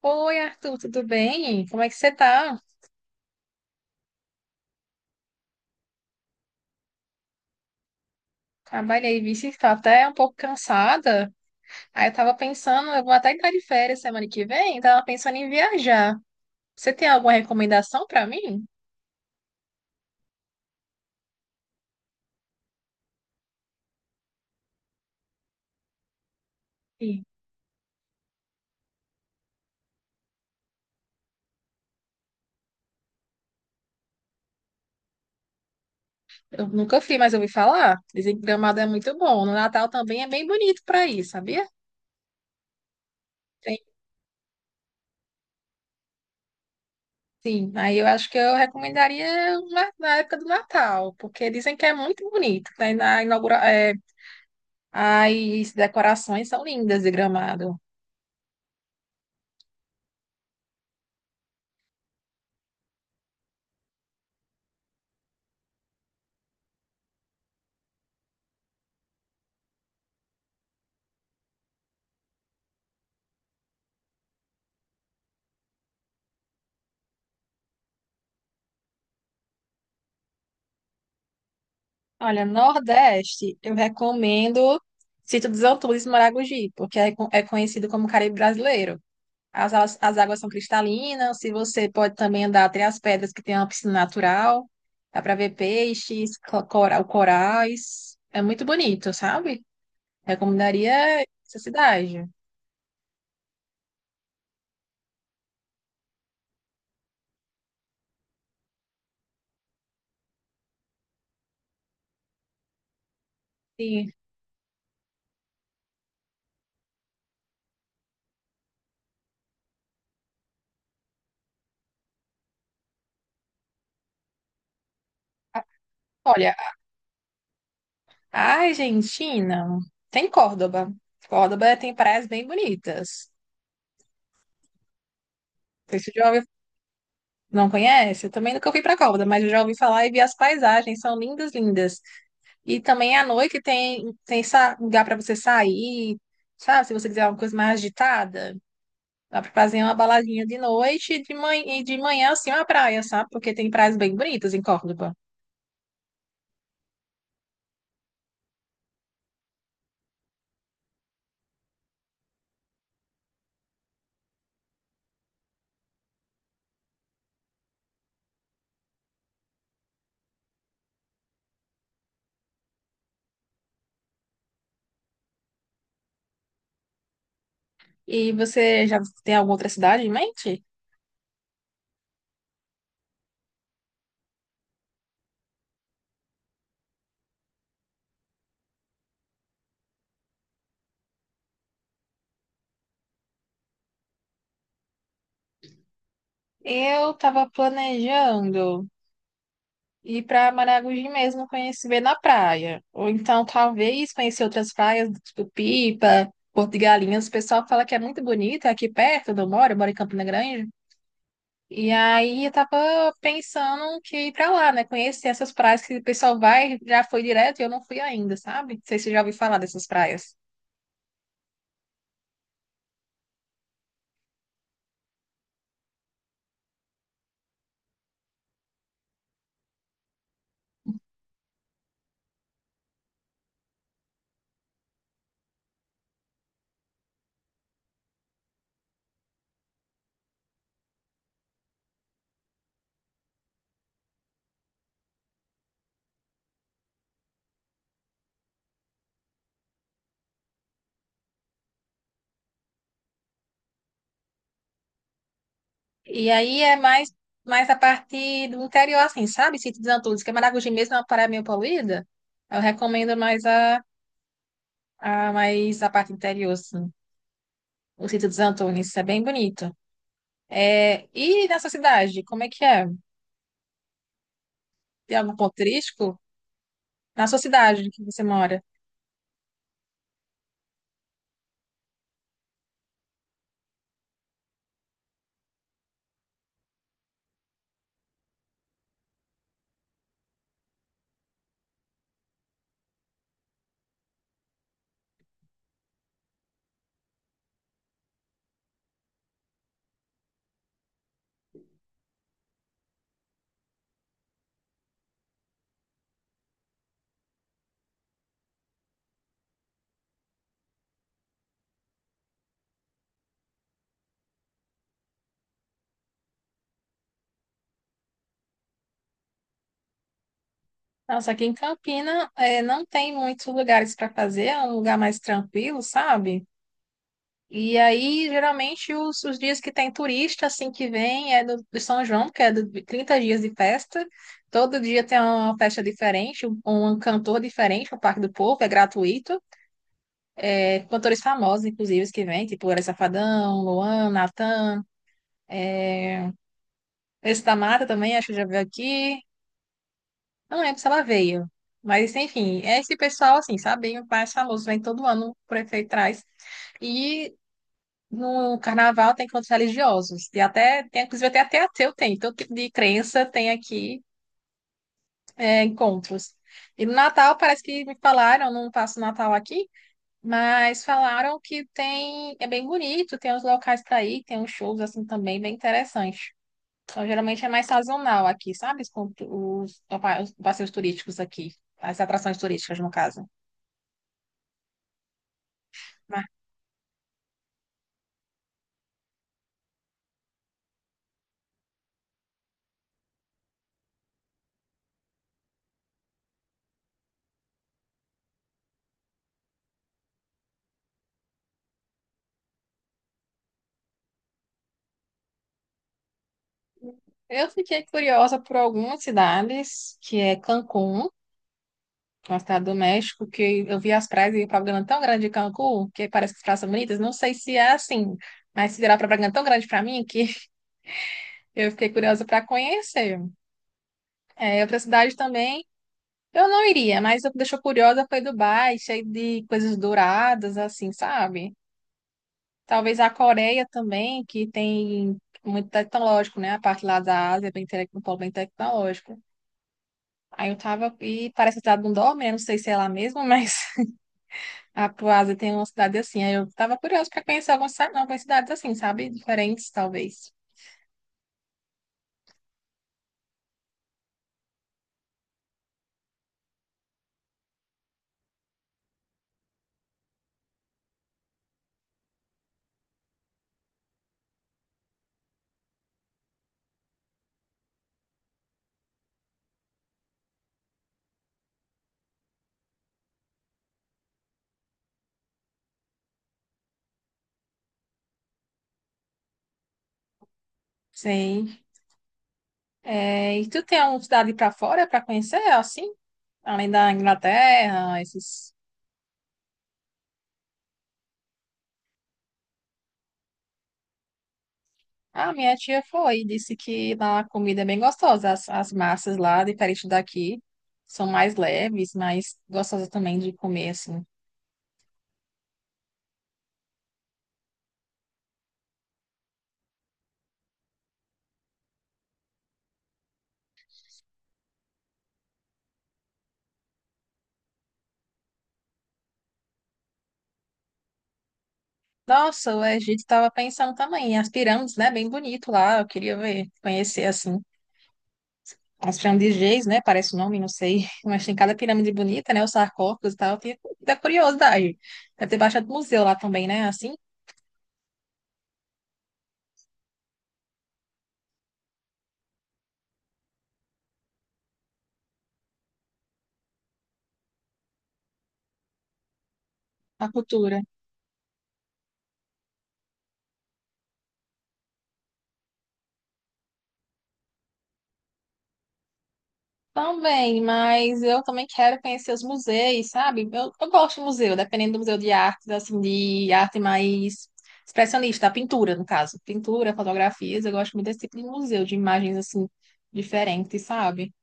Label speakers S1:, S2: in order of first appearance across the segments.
S1: Oi, Arthur, tudo bem? Como é que você tá? Trabalhei, vixe, estou até um pouco cansada. Aí eu tava pensando, eu vou até entrar de férias semana que vem, tava pensando em viajar. Você tem alguma recomendação pra mim? Sim. Eu nunca fui, mas eu ouvi falar. Dizem que Gramado é muito bom. No Natal também é bem bonito pra ir, sabia? Tem. Sim, aí eu acho que eu recomendaria na época do Natal, porque dizem que é muito bonito. Tem na inaugura, as decorações são lindas de Gramado. Olha, Nordeste, eu recomendo Sítio dos Altures e Maragogi, porque é, é conhecido como Caribe brasileiro. As águas são cristalinas, se você pode também andar até as pedras que tem uma piscina natural, dá para ver peixes, corais, é muito bonito, sabe? Recomendaria essa cidade. E, olha, a Argentina tem Córdoba. Córdoba tem praias bem bonitas. Não sei se você já ouviu. Não conhece? Eu também nunca fui para Córdoba, mas eu já ouvi falar e vi as paisagens, são lindas, lindas. E também à noite tem lugar para você sair, sabe? Se você quiser uma coisa mais agitada, dá para fazer uma baladinha de noite e de manhã assim uma praia, sabe? Porque tem praias bem bonitas em Córdoba. E você já tem alguma outra cidade em mente? Eu estava planejando ir para Maragogi mesmo conhecer ver na praia. Ou então, talvez, conhecer outras praias, tipo Pipa, Porto de Galinhas. O pessoal fala que é muito bonita, é aqui perto onde eu moro em Campina Grande. E aí eu tava pensando que ir pra lá, né? Conhecer essas praias que o pessoal vai, já foi direto e eu não fui ainda, sabe? Não sei se você já ouviu falar dessas praias. E aí é mais a parte do interior, assim, sabe? Sítio dos Antunes, que é Maragogi mesmo, é uma praia meio poluída. Eu recomendo mais a parte interior, assim. O Sítio dos Antunes, isso é bem bonito. É, e na sua cidade, como é que é? Tem algum ponto turístico? Na sua cidade que você mora? Nossa, aqui em Campina, é, não tem muitos lugares para fazer, é um lugar mais tranquilo, sabe? E aí, geralmente, os dias que tem turista, assim, que vem, é do São João, que é do, de 30 dias de festa. Todo dia tem uma festa diferente, um cantor diferente, o Parque do Povo, é gratuito. É, cantores famosos, inclusive, os que vêm, tipo Orelha Safadão, Luan, Natan. Esse da Mata também, acho que já veio aqui. Eu não lembro se ela veio. Mas, enfim, é esse pessoal, assim, sabe? O mais famoso vem todo ano, o prefeito traz. E no carnaval tem encontros religiosos. E até, tem, inclusive, até ateu tem. Todo tipo de crença tem aqui, é, encontros. E no Natal, parece que me falaram, não passo Natal aqui, mas falaram que tem, é bem bonito, tem uns locais para ir, tem uns shows, assim, também bem interessantes. Então, geralmente é mais sazonal aqui, sabe? Os, con- os pa- os passeios turísticos aqui, as atrações turísticas, no caso. Mas eu fiquei curiosa por algumas cidades, que é Cancún, uma cidade do México, que eu vi as praias e propaganda tão grande de Cancún, que parece que as praias são bonitas. Não sei se é assim, mas se virar propaganda tão grande para mim que eu fiquei curiosa para conhecer. É, outra cidade também. Eu não iria, mas o que deixou curiosa foi Dubai, cheio de coisas douradas, assim, sabe? Talvez a Coreia também, que tem muito tecnológico, né? A parte lá da Ásia é bem, um polo bem tecnológico. Aí eu tava, e parece a cidade do Dome, né? Não sei se é lá mesmo, mas a pro Ásia tem uma cidade assim. Aí eu tava curiosa para conhecer algumas cidades assim, sabe? Diferentes, talvez. Sim. É, e tu tem alguma cidade para fora para conhecer, assim? Além da Inglaterra, esses. Ah, minha tia foi e disse que lá a comida é bem gostosa. As massas lá, diferente daqui, são mais leves, mas gostosas também de comer, assim. Nossa, o Egito estava pensando também. As pirâmides, né? Bem bonito lá. Eu queria ver, conhecer, assim. As pirâmides de Gizé, né? Parece o nome, não sei. Mas tem cada pirâmide bonita, né? Os sarcófagos e tal. Eu tinha- Da curiosidade. Deve ter bastante museu lá também, né? Assim, a cultura. Também, mas eu também quero conhecer os museus, sabe? Eu gosto de museu, dependendo do museu de artes, assim, de arte mais expressionista, pintura, no caso. Pintura, fotografias, eu gosto muito desse tipo de museu, de imagens, assim, diferentes, sabe?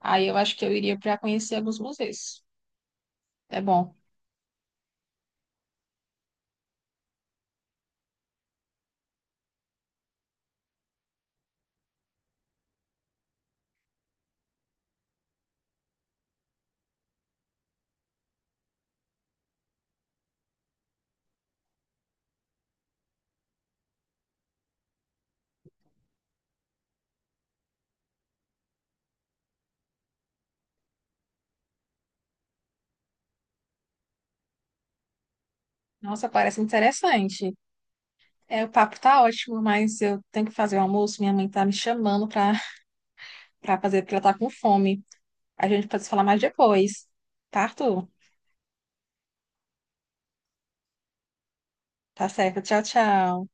S1: Aí eu acho que eu iria para conhecer alguns museus. É bom. Nossa, parece interessante. É, o papo tá ótimo, mas eu tenho que fazer o almoço, minha mãe tá me chamando para fazer, porque ela tá com fome. A gente pode se falar mais depois, tá, Arthur? Tá certo, tchau, tchau.